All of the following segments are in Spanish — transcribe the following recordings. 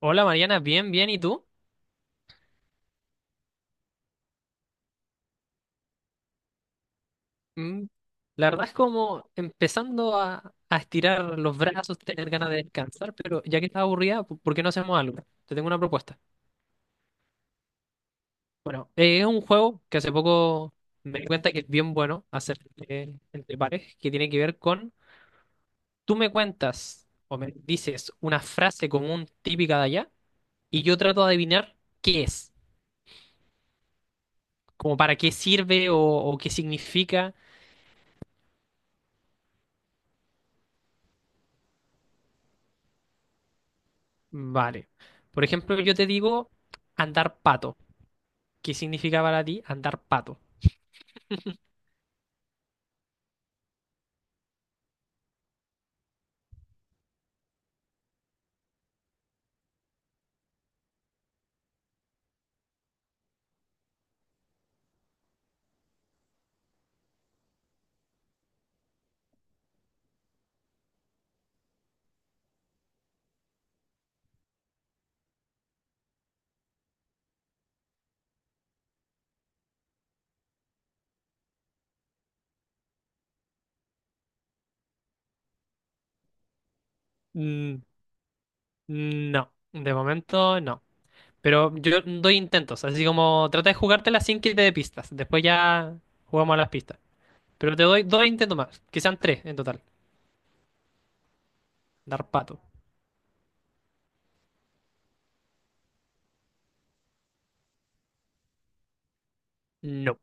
Hola Mariana, bien, bien, ¿y tú? Mm, La verdad es como empezando a estirar los brazos, tener ganas de descansar, pero ya que estás aburrida, ¿por qué no hacemos algo? Te tengo una propuesta. Bueno, es un juego que hace poco me di cuenta que es bien bueno hacer entre pares, que tiene que ver con tú me cuentas o me dices una frase común típica de allá y yo trato de adivinar qué es, como para qué sirve o qué significa. Vale. Por ejemplo, yo te digo andar pato. ¿Qué significa para ti andar pato? Mm, no, de momento no. Pero yo doy intentos, así como trata de jugártela sin que te dé pistas. Después ya jugamos a las pistas. Pero te doy dos intentos más, que sean tres en total. Dar pato. No.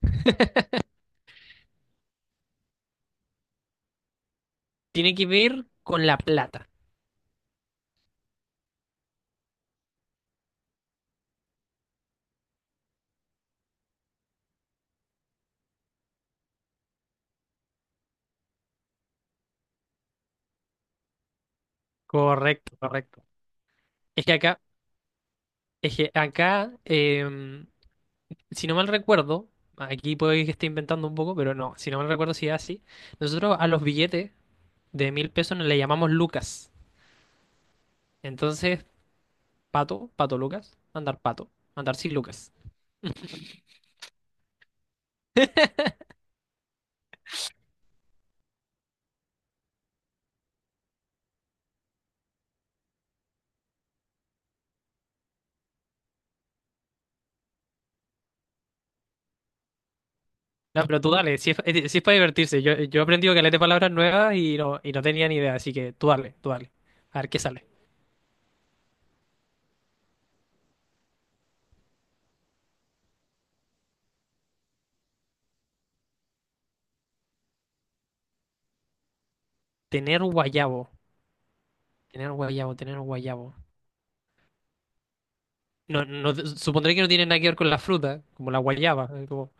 Tiene que ver con la plata. Correcto, correcto. Es que acá, es que acá, si no mal recuerdo, aquí puede que esté inventando un poco, pero no, si no mal recuerdo si es así, nosotros a los billetes de 1000 pesos le llamamos lucas. Entonces, pato, pato Lucas, andar pato, andar sin Lucas. No, pero tú dale, si es, si es para divertirse. Yo he aprendido que de palabras nuevas y no tenía ni idea, así que tú dale, tú dale. A ver qué sale. Tener guayabo, tener guayabo, tener guayabo. No, no, supondré que no tiene nada que ver con la fruta, como la guayaba.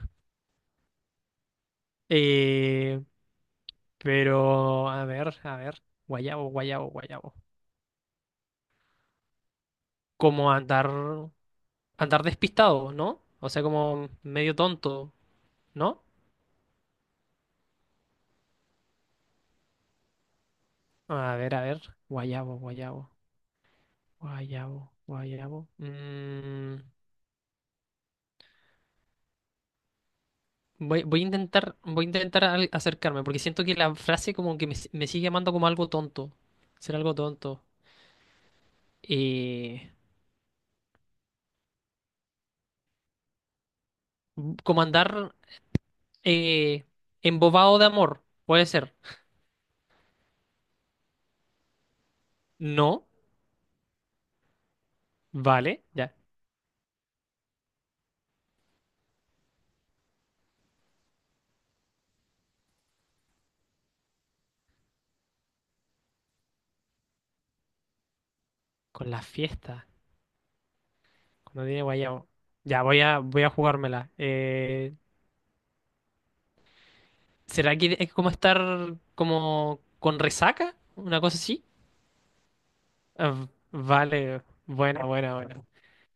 Eh, pero, a ver, a ver. Guayabo, guayabo, guayabo. Como andar, andar despistado, ¿no? O sea, como medio tonto, ¿no? A ver, a ver. Guayabo, guayabo, guayabo, guayabo. Voy a intentar, voy a intentar acercarme, porque siento que la frase como que me, si- me sigue llamando como algo tonto. Ser algo tonto. Eh, como andar eh, embobado de amor. Puede ser. No, vale, ya. Con la fiesta. Cuando tiene guayabo. Ya, voy a, voy a jugármela. ¿Será que es como estar como con resaca? ¿Una cosa así? Ah, vale, buena, buena, buena.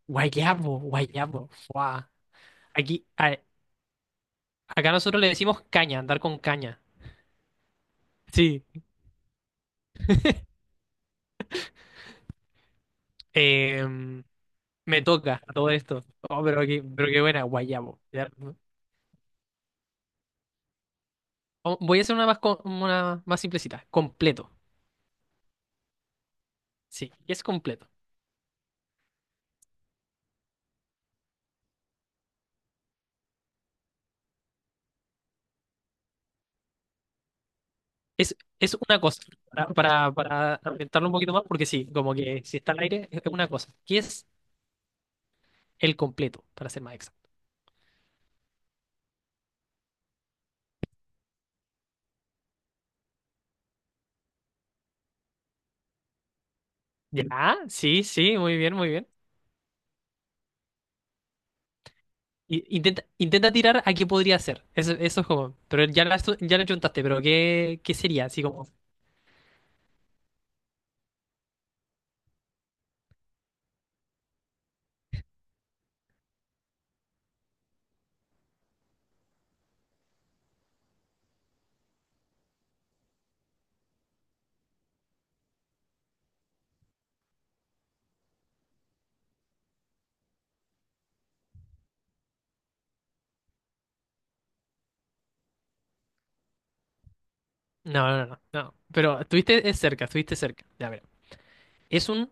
Guayabo, guayabo. Fuá. Aquí, acá nosotros le decimos caña, andar con caña. Sí. Em, me toca todo esto. Oh, pero qué buena, guayabo. Ya, oh, voy a hacer una más, una más simplecita. Completo. Sí, es completo. Es una cosa. Para ambientarlo un poquito más, porque sí, como que si está al aire, es una cosa. ¿Qué es el completo, para ser más exacto? Ya, sí, sí, muy bien, muy bien. Intenta, intenta tirar a qué podría ser. Eso es como. Pero ya la, ya la chuntaste, pero ¿qué, qué sería? Así como. No, no, no, no, no. Pero estuviste es cerca, estuviste cerca. Ya, ver. Es un.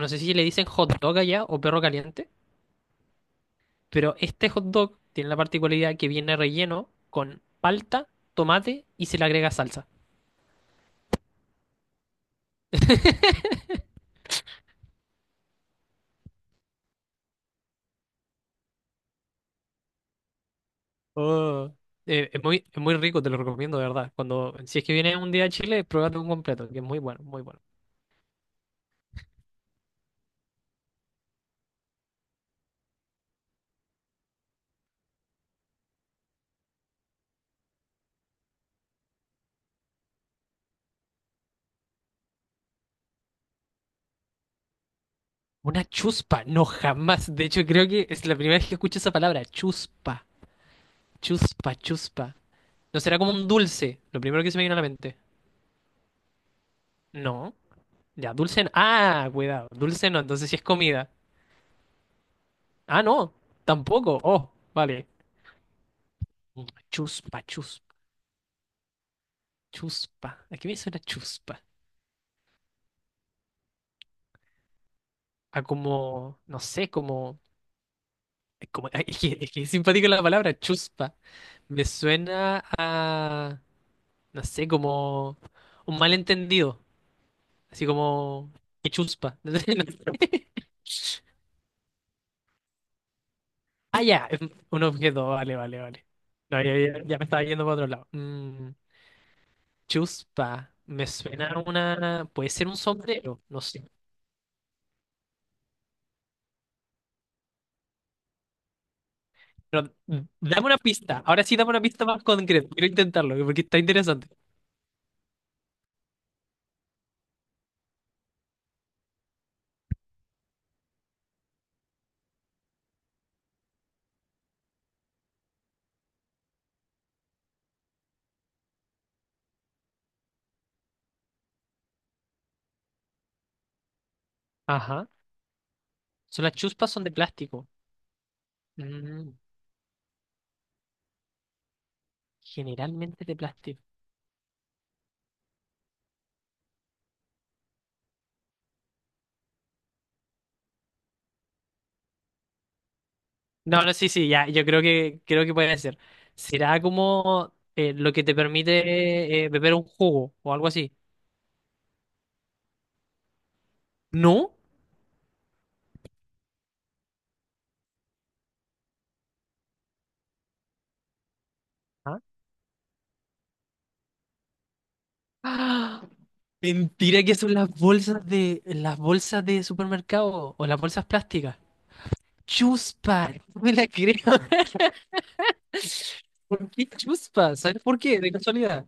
No sé si le dicen hot dog allá o perro caliente. Pero este hot dog tiene la particularidad que viene relleno con palta, tomate y se le agrega salsa. Oh. Es muy rico, te lo recomiendo, de verdad. Cuando, si es que vienes un día a Chile, pruébate un completo, que es muy bueno, muy bueno. Una chuspa, no jamás. De hecho, creo que es la primera vez que escucho esa palabra. Chuspa, chuspa, chuspa. ¿No será como un dulce? Lo primero que se me vino a la mente. No. Ya, dulce. No. Ah, cuidado. Dulce no, entonces sí es comida. Ah, no. Tampoco. Oh, vale. Mm, chuspa, chuspa, chuspa. ¿A qué me suena chuspa? A como, no sé, como... como es que, es que es simpático la palabra chuspa. Me suena a, no sé, como un malentendido. Así como... ¡Qué chuspa! No sé, no. Ah, ya. Un objeto. Vale, vale, vale. No, ya, ya me estaba yendo para otro lado. Chuspa. Me suena a una... Puede ser un sombrero. No sé. Pero dame una pista. Ahora sí dame una pista más concreta. Quiero intentarlo porque está interesante. Ajá. Son las chuspas son de plástico. Mm, generalmente de plástico. No, no, sí, sí, ya, yo creo que puede ser. Será como lo que te permite beber un jugo o algo así. ¿No? ¿Ah? ¡Ah! Mentira que son las bolsas de supermercado o las bolsas plásticas. Chuspa, no me la creo. ¿Por qué chuspa? ¿Sabes por qué? De casualidad.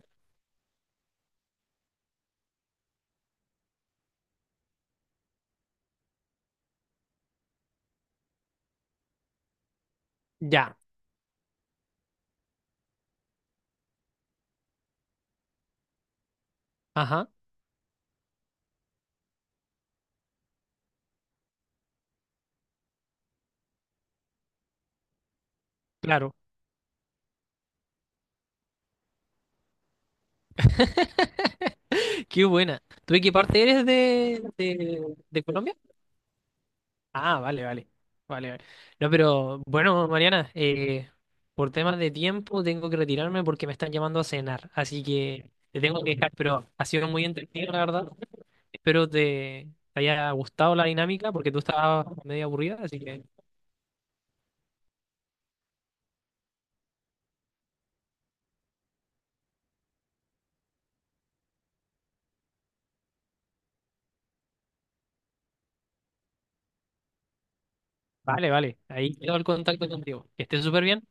Ya, ajá, claro. Qué buena. ¿Tú de qué parte eres de Colombia? Ah, vale, vale. Vale, vale. No, pero bueno, Mariana, por temas de tiempo tengo que retirarme porque me están llamando a cenar. Así que te tengo que dejar, pero ha sido muy entretenido, la verdad. Espero te, te haya gustado la dinámica porque tú estabas medio aburrida. Así que vale, vale. Ahí quedo el contacto contigo. Que estés súper bien.